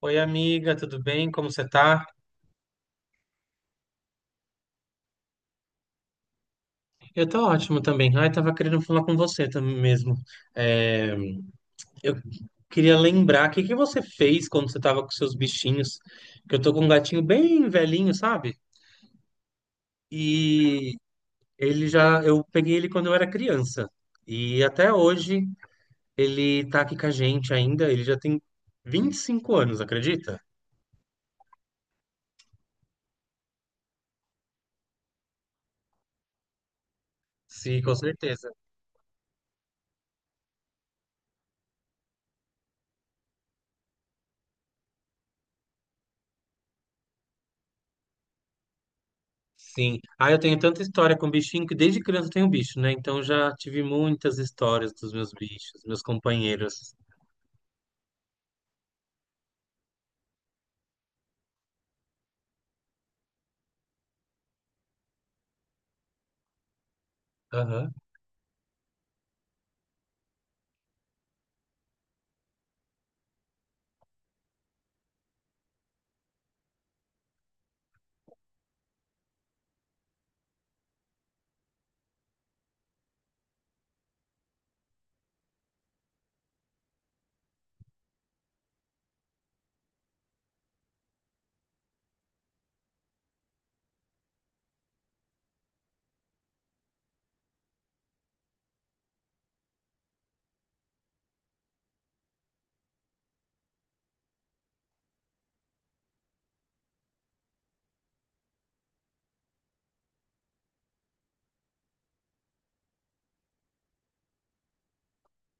Oi, amiga, tudo bem? Como você tá? Eu tô ótimo também. Ai, tava querendo falar com você também mesmo. É, eu queria lembrar, o que que você fez quando você tava com seus bichinhos? Que eu tô com um gatinho bem velhinho, sabe? E eu peguei ele quando eu era criança. E até hoje ele tá aqui com a gente ainda. Ele já tem 25 anos, acredita? Sim, com certeza. Sim. Ah, eu tenho tanta história com bichinho que desde criança eu tenho bicho, né? Então já tive muitas histórias dos meus bichos, meus companheiros. Aham.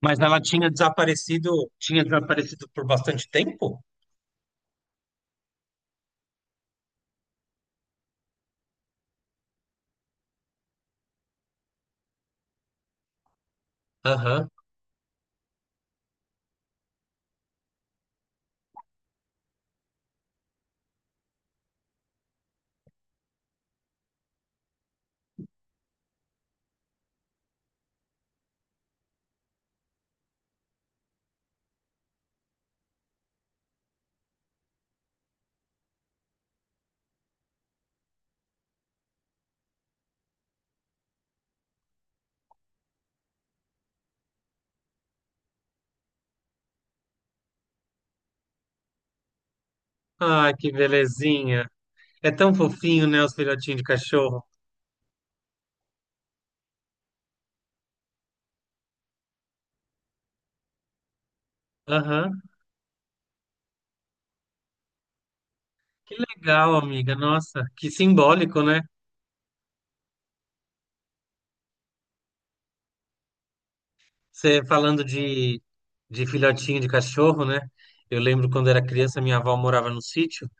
Mas ela tinha desaparecido, por bastante tempo? Aham. Ah, que belezinha. É tão fofinho, né, os filhotinhos de cachorro? Aham. Que legal, amiga. Nossa, que simbólico, né? Você falando de, de filhotinho de cachorro, né? Eu lembro quando era criança, minha avó morava no sítio,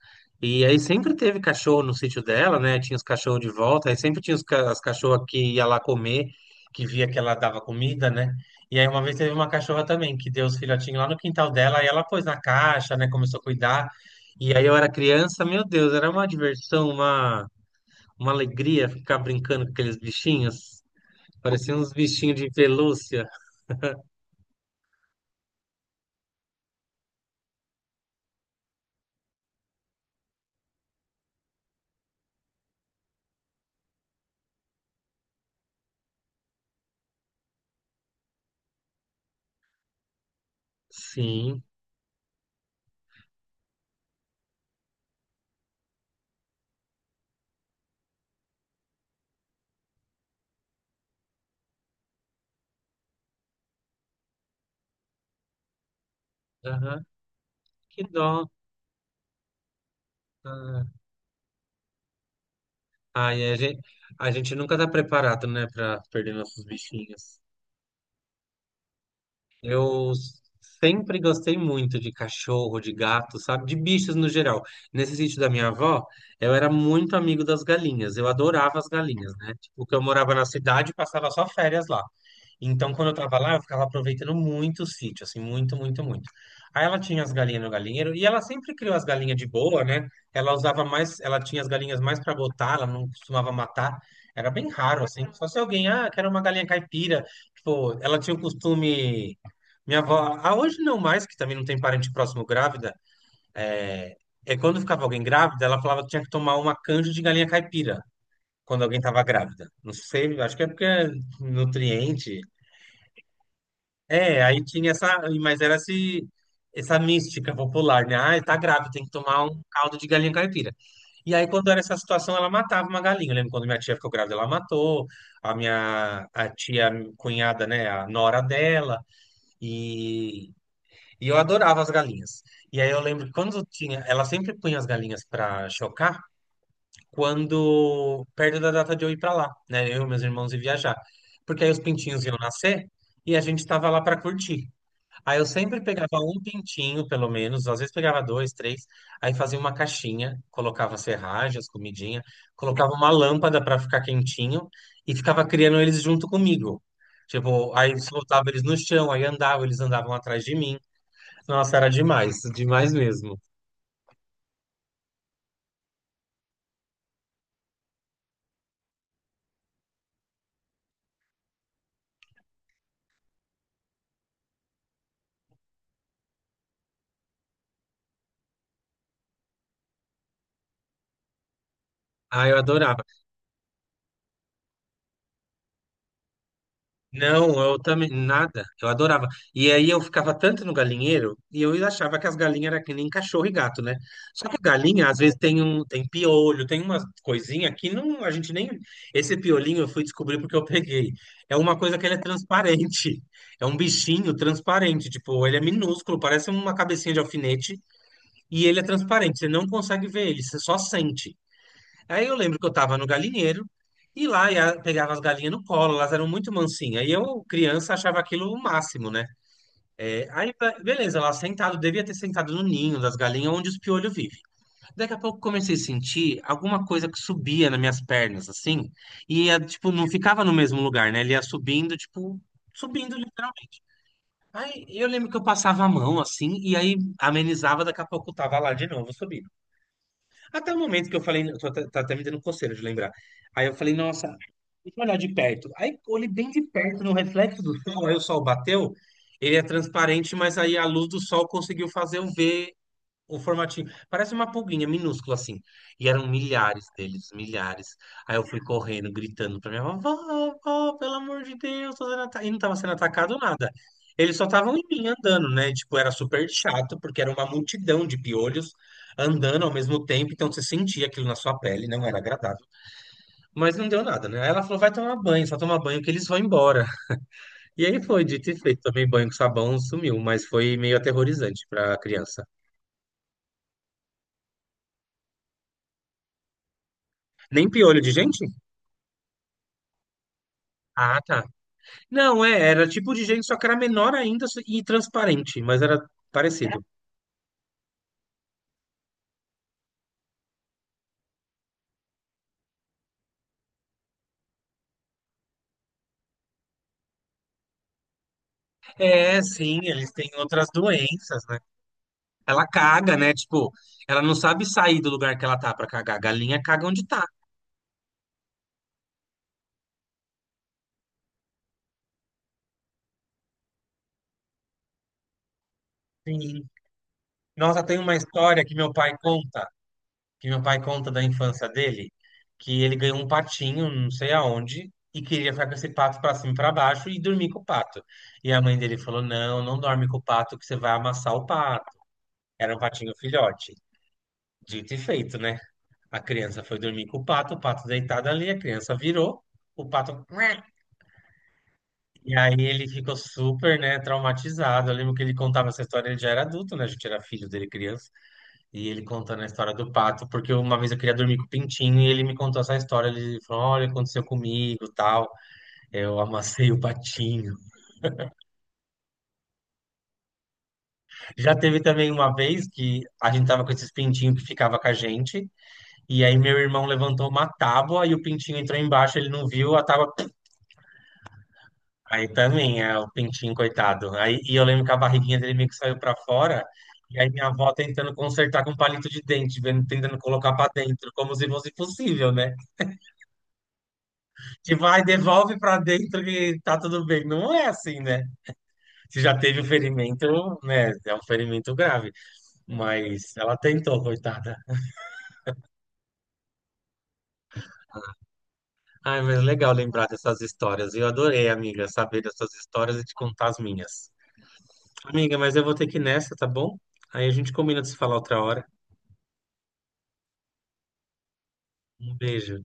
e aí sempre teve cachorro no sítio dela, né? Tinha os cachorros de volta, aí sempre tinha as cachorras que ia lá comer, que via que ela dava comida, né? E aí uma vez teve uma cachorra também, que deu os filhotinhos lá no quintal dela, aí ela pôs na caixa, né? Começou a cuidar. E aí eu era criança, meu Deus, era uma alegria ficar brincando com aqueles bichinhos. Pareciam uns bichinhos de pelúcia. Sim. Aham. Que dó. Ah, ai, a gente, a gente nunca tá preparado, né, pra perder nossos bichinhos. Eu sempre gostei muito de cachorro, de gato, sabe? De bichos no geral. Nesse sítio da minha avó, eu era muito amigo das galinhas. Eu adorava as galinhas, né? Tipo, que eu morava na cidade e passava só férias lá. Então, quando eu tava lá, eu ficava aproveitando muito o sítio, assim, muito, muito, muito. Aí ela tinha as galinhas no galinheiro e ela sempre criou as galinhas de boa, né? Ela usava mais, ela tinha as galinhas mais para botar, ela não costumava matar. Era bem raro, assim. Só se alguém, ah, quero uma galinha caipira. Tipo, ela tinha o costume. Minha avó, ah, hoje não mais, que também não tem parente próximo grávida, é, é quando ficava alguém grávida, ela falava que tinha que tomar uma canja de galinha caipira quando alguém tava grávida. Não sei, acho que é porque é nutriente, Aí tinha essa, essa mística popular, né? Ah, tá grávida, tem que tomar um caldo de galinha caipira. E aí, quando era essa situação, ela matava uma galinha. Eu lembro quando minha tia ficou grávida, ela matou. A minha a tia cunhada, né? A nora dela. E, e eu adorava as galinhas. E aí eu lembro que quando tinha. Ela sempre punha as galinhas pra chocar quando perto da data de eu ir pra lá, né? Eu e meus irmãos ir viajar. Porque aí os pintinhos iam nascer e a gente tava lá pra curtir. Aí eu sempre pegava um pintinho, pelo menos, às vezes pegava dois, três, aí fazia uma caixinha, colocava serragem, as comidinha, colocava uma lâmpada para ficar quentinho e ficava criando eles junto comigo. Tipo, aí soltava eles no chão, aí andava, eles andavam atrás de mim. Nossa, era demais, demais mesmo. Ah, eu adorava. Não, eu também, nada, eu adorava. E aí eu ficava tanto no galinheiro e eu achava que as galinhas eram que nem cachorro e gato, né? Só que galinha, às vezes, tem piolho, tem umas coisinha que não, a gente nem. Esse piolinho eu fui descobrir porque eu peguei. É uma coisa que ele é transparente. É um bichinho transparente, tipo, ele é minúsculo, parece uma cabecinha de alfinete e ele é transparente, você não consegue ver ele, você só sente. Aí eu lembro que eu tava no galinheiro e lá ia, pegava as galinhas no colo, elas eram muito mansinhas. E eu, criança, achava aquilo o máximo, né? É, aí, beleza, lá sentado, devia ter sentado no ninho das galinhas onde os piolhos vivem. Daqui a pouco comecei a sentir alguma coisa que subia nas minhas pernas, assim, e ia, tipo, não ficava no mesmo lugar, né? Ele ia subindo, tipo, subindo literalmente. Aí eu lembro que eu passava a mão assim, e aí amenizava, daqui a pouco eu tava lá de novo subindo. Até o momento que eu falei, tá até me dando coceira de lembrar. Aí eu falei, nossa, deixa eu olhar de perto. Aí eu olhei bem de perto no reflexo do sol, aí o sol bateu, ele é transparente, mas aí a luz do sol conseguiu fazer eu ver o formatinho. Parece uma pulguinha minúscula assim. E eram milhares deles, milhares. Aí eu fui correndo, gritando pra minha avó: vó, vó, pelo amor de Deus, tô sendo ata-" e não tava sendo atacado nada. Eles só estavam em mim andando, né? Tipo, era super chato, porque era uma multidão de piolhos andando ao mesmo tempo, então você sentia aquilo na sua pele, não era agradável. Mas não deu nada, né? Aí ela falou: vai tomar banho, só tomar banho que eles vão embora. E aí foi, dito e feito, tomei banho com sabão, sumiu, mas foi meio aterrorizante pra criança. Nem piolho de gente? Ah, tá. Não, é, era tipo de gente, só que era menor ainda só- e transparente, mas era parecido. É, sim, eles têm outras doenças, né? Ela caga, né? Tipo, ela não sabe sair do lugar que ela tá pra cagar. A galinha caga onde tá. Sim. Nossa, tem uma história que meu pai conta, da infância dele, que ele ganhou um patinho, não sei aonde, e queria ficar com esse pato pra cima e pra baixo e dormir com o pato. E a mãe dele falou: Não, não dorme com o pato, que você vai amassar o pato. Era um patinho filhote. Dito e feito, né? A criança foi dormir com o pato deitado ali, a criança virou, o pato. "Mua". E aí ele ficou super, né, traumatizado. Eu lembro que ele contava essa história, ele já era adulto, né? A gente era filho dele, criança. E ele contando a história do pato, porque uma vez eu queria dormir com o pintinho e ele me contou essa história. Ele falou: Olha, aconteceu comigo, tal. Eu amassei o patinho. Já teve também uma vez que a gente tava com esses pintinhos que ficava com a gente. E aí meu irmão levantou uma tábua e o pintinho entrou embaixo, ele não viu, a tábua. Aí também, é o pintinho, coitado. Aí, e eu lembro que a barriguinha dele meio que saiu pra fora, e aí minha avó tentando consertar com palito de dente, tentando colocar pra dentro, como se fosse possível, né? Tipo, vai, devolve pra dentro que tá tudo bem. Não é assim, né? Se já teve o ferimento, né? É um ferimento grave. Mas ela tentou, coitada. Ai, mas legal lembrar dessas histórias. Eu adorei, amiga, saber dessas histórias e te contar as minhas. Amiga, mas eu vou ter que ir nessa, tá bom? Aí a gente combina de se falar outra hora. Um beijo.